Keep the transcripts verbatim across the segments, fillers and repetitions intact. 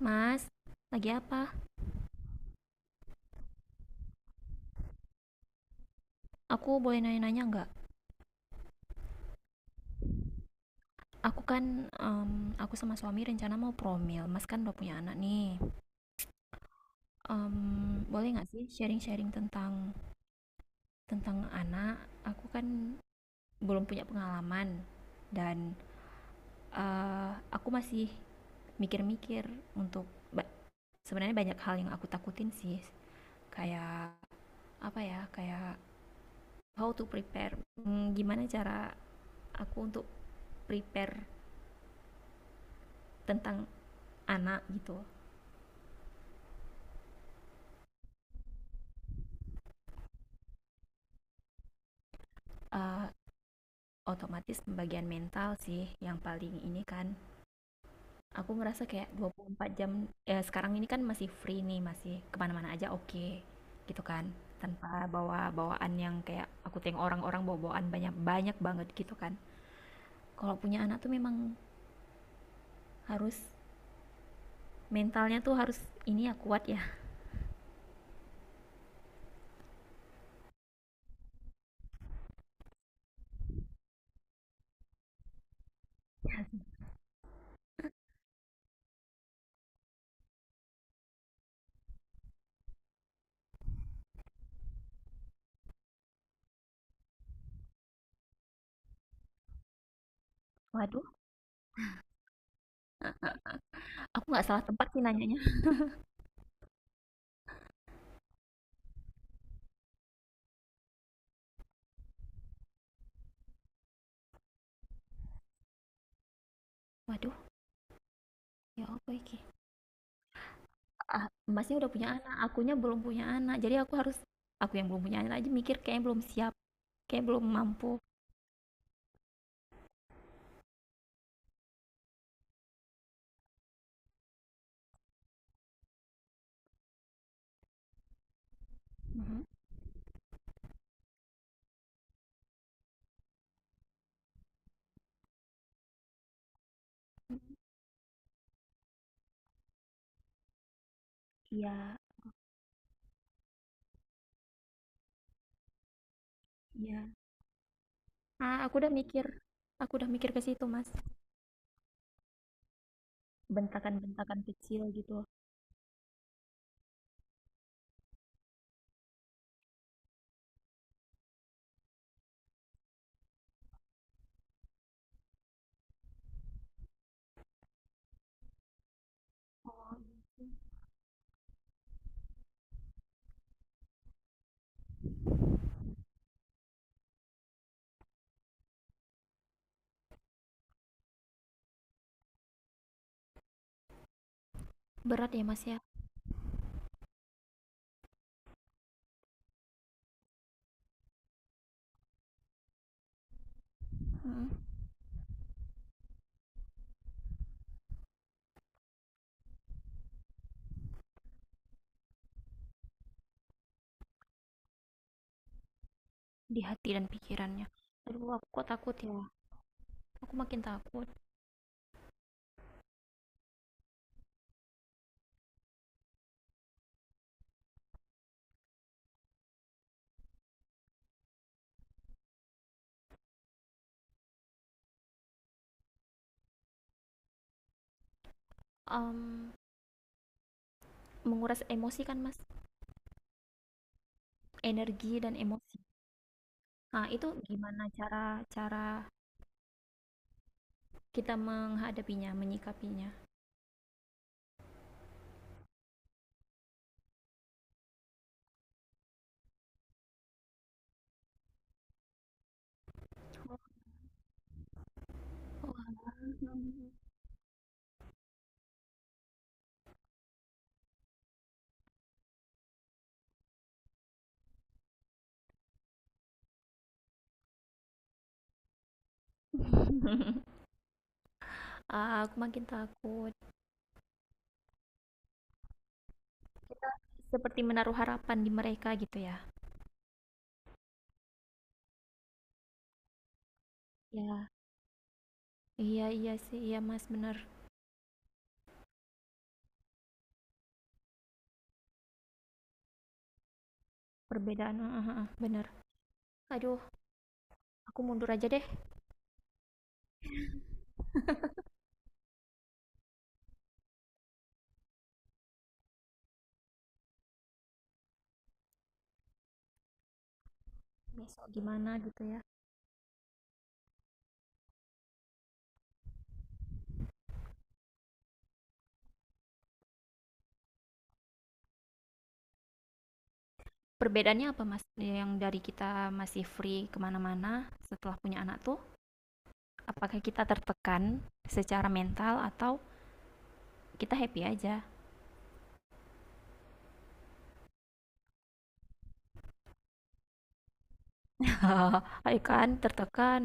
Mas, lagi apa? Aku boleh nanya-nanya nggak? Aku kan, em, aku sama suami rencana mau promil. Mas kan udah punya anak nih. Em, boleh nggak sih sharing-sharing tentang tentang anak? Aku kan belum punya pengalaman dan eh, aku masih mikir-mikir untuk ba- sebenarnya banyak hal yang aku takutin sih. Kayak apa ya? Kayak how to prepare. Hmm, gimana cara aku untuk prepare tentang anak gitu? Eh, Otomatis pembagian mental sih yang paling ini kan. Aku ngerasa kayak dua puluh empat jam ya sekarang ini kan masih free nih, masih kemana-mana aja oke gitu kan. Tanpa bawa bawaan yang kayak aku tengok orang-orang bawa bawaan banyak-banyak banget gitu kan. Kalau punya anak tuh memang harus mentalnya tuh harus ini ya kuat ya. Waduh, aku nggak salah tempat sih nanyanya. Waduh, ya apa iki? Ah, Masnya udah punya anak, akunya belum punya anak. Jadi aku harus aku yang belum punya anak aja mikir kayaknya belum siap, kayak belum mampu. Mhm. Iya, iya. Ah, aku udah mikir, aku udah mikir ke situ, Mas. Bentakan-bentakan kecil gitu. Berat ya, Mas ya. Mm-mm. Di hati dan pikirannya. Aduh, aku kok takut ya. Aku makin takut. Em, menguras emosi kan, Mas. Energi dan emosi. Ah, itu gimana cara cara kita menghadapinya, menyikapinya? Oh. Ah, aku makin takut. Seperti menaruh harapan di mereka gitu ya. Ya, iya iya sih, iya Mas, bener. Perbedaan, heeh, heeh, bener. Aduh, aku mundur aja deh. Besok gimana gitu ya? Perbedaannya apa, mas, yang dari kita masih free kemana-mana setelah punya anak tuh? Apakah kita tertekan secara mental atau kita happy aja? Ayo kan tertekan.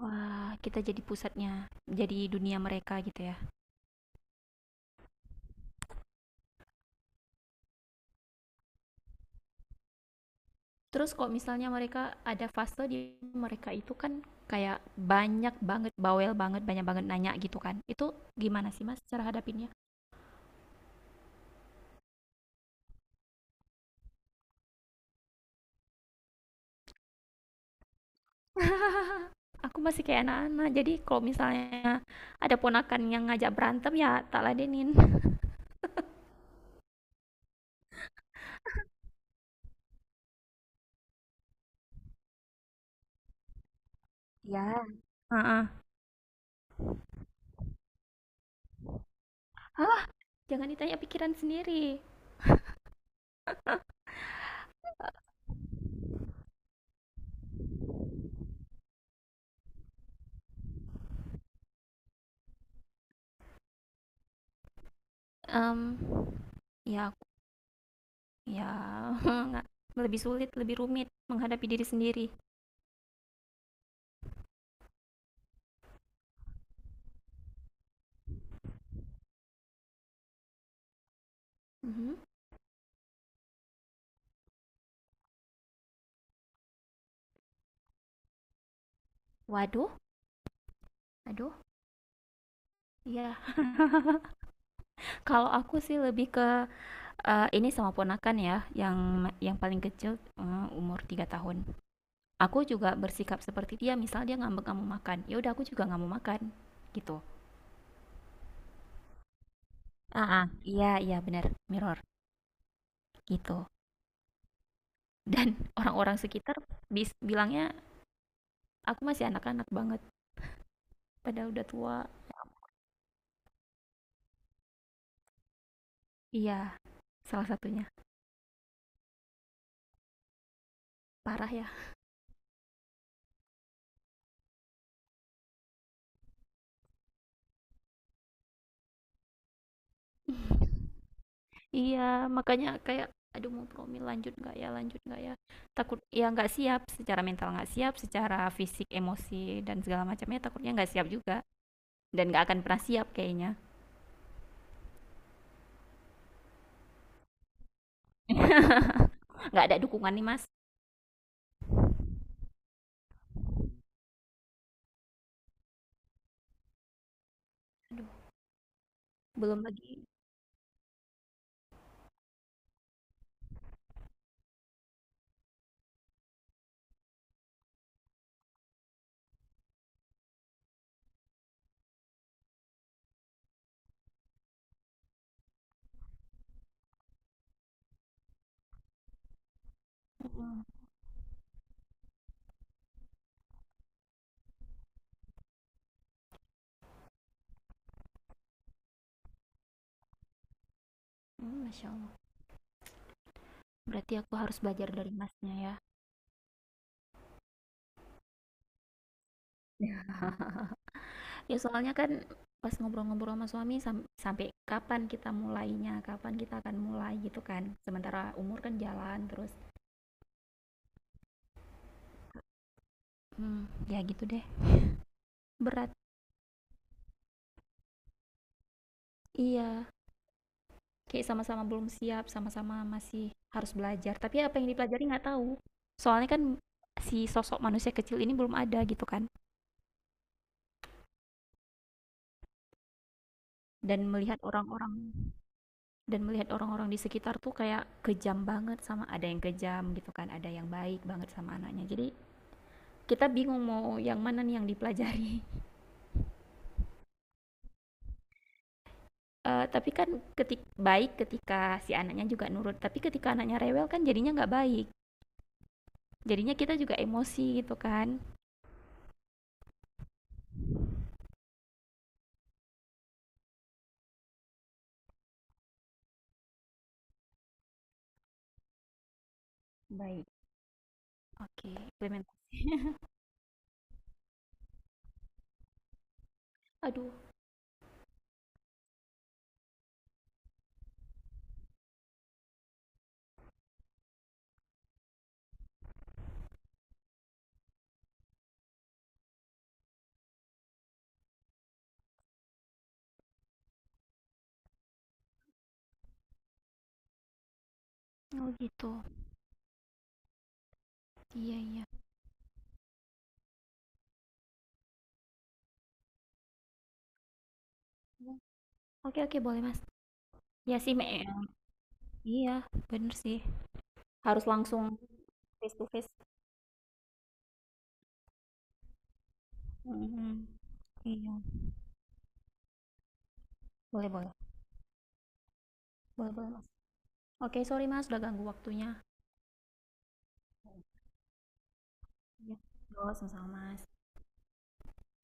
Wah, kita jadi pusatnya, jadi dunia mereka gitu ya. Terus kalau misalnya mereka ada fase di mereka itu kan kayak banyak banget bawel banget banyak banget nanya gitu kan, itu gimana sih, mas, cara hadapinnya? Aku masih kayak anak-anak, jadi kalau misalnya ada ponakan yang ngajak berantem ya tak ladenin. Ya, jangan ditanya pikiran sendiri. Um, ya ya nggak- lebih sulit lebih rumit menghadapi diri sendiri. Mhm. Waduh, aduh. Iya, kalau aku sih lebih ke eh, ini sama ponakan ya, yang yang paling kecil, eh, umur tiga tahun. Aku juga bersikap seperti dia, misal dia ngambek nggak mau makan, ya udah aku juga nggak mau makan, gitu. Heeh, iya iya benar, mirror gitu. Dan orang-orang sekitar bis bilangnya aku masih anak-anak banget, padahal udah tua. Iya, salah satunya. Parah ya. Iya, makanya kayak aduh mau promil lanjut nggak ya lanjut nggak ya, takut ya, nggak siap secara mental, nggak siap secara fisik emosi dan segala macamnya. Takutnya nggak siap juga dan nggak akan pernah siap kayaknya. Nggak ada dukungan nih, mas. Belum lagi. Mm, mm, masya allah, berarti aku harus belajar dari masnya ya. Ya soalnya kan pas ngobrol-ngobrol sama suami sam- sampai kapan kita mulainya, kapan kita akan mulai gitu kan. Sementara umur kan jalan terus. Hmm, ya gitu deh. Berat. Iya. Kayak sama-sama belum siap, sama-sama masih harus belajar. Tapi apa yang dipelajari nggak tahu. Soalnya kan si sosok manusia kecil ini belum ada gitu kan. Dan melihat orang-orang dan melihat orang-orang di sekitar tuh kayak kejam banget sama, ada yang kejam gitu kan, ada yang baik banget sama anaknya. Jadi kita bingung mau yang mana nih yang dipelajari. Eh, tapi kan ketik baik ketika si anaknya juga nurut, tapi ketika anaknya rewel kan jadinya nggak baik, jadinya kita juga emosi gitu kan. Baik. Oke, implement. Aduh. Oh gitu. Iya iya. Oke, okay, oke, okay, boleh mas. Ya sih, Me. Iya, bener sih. Harus langsung face to face. Mm-mm. Iya. Boleh boleh. Boleh boleh mas. Oke, okay, sorry mas, udah ganggu waktunya. Iya. Yo, sama-sama mas.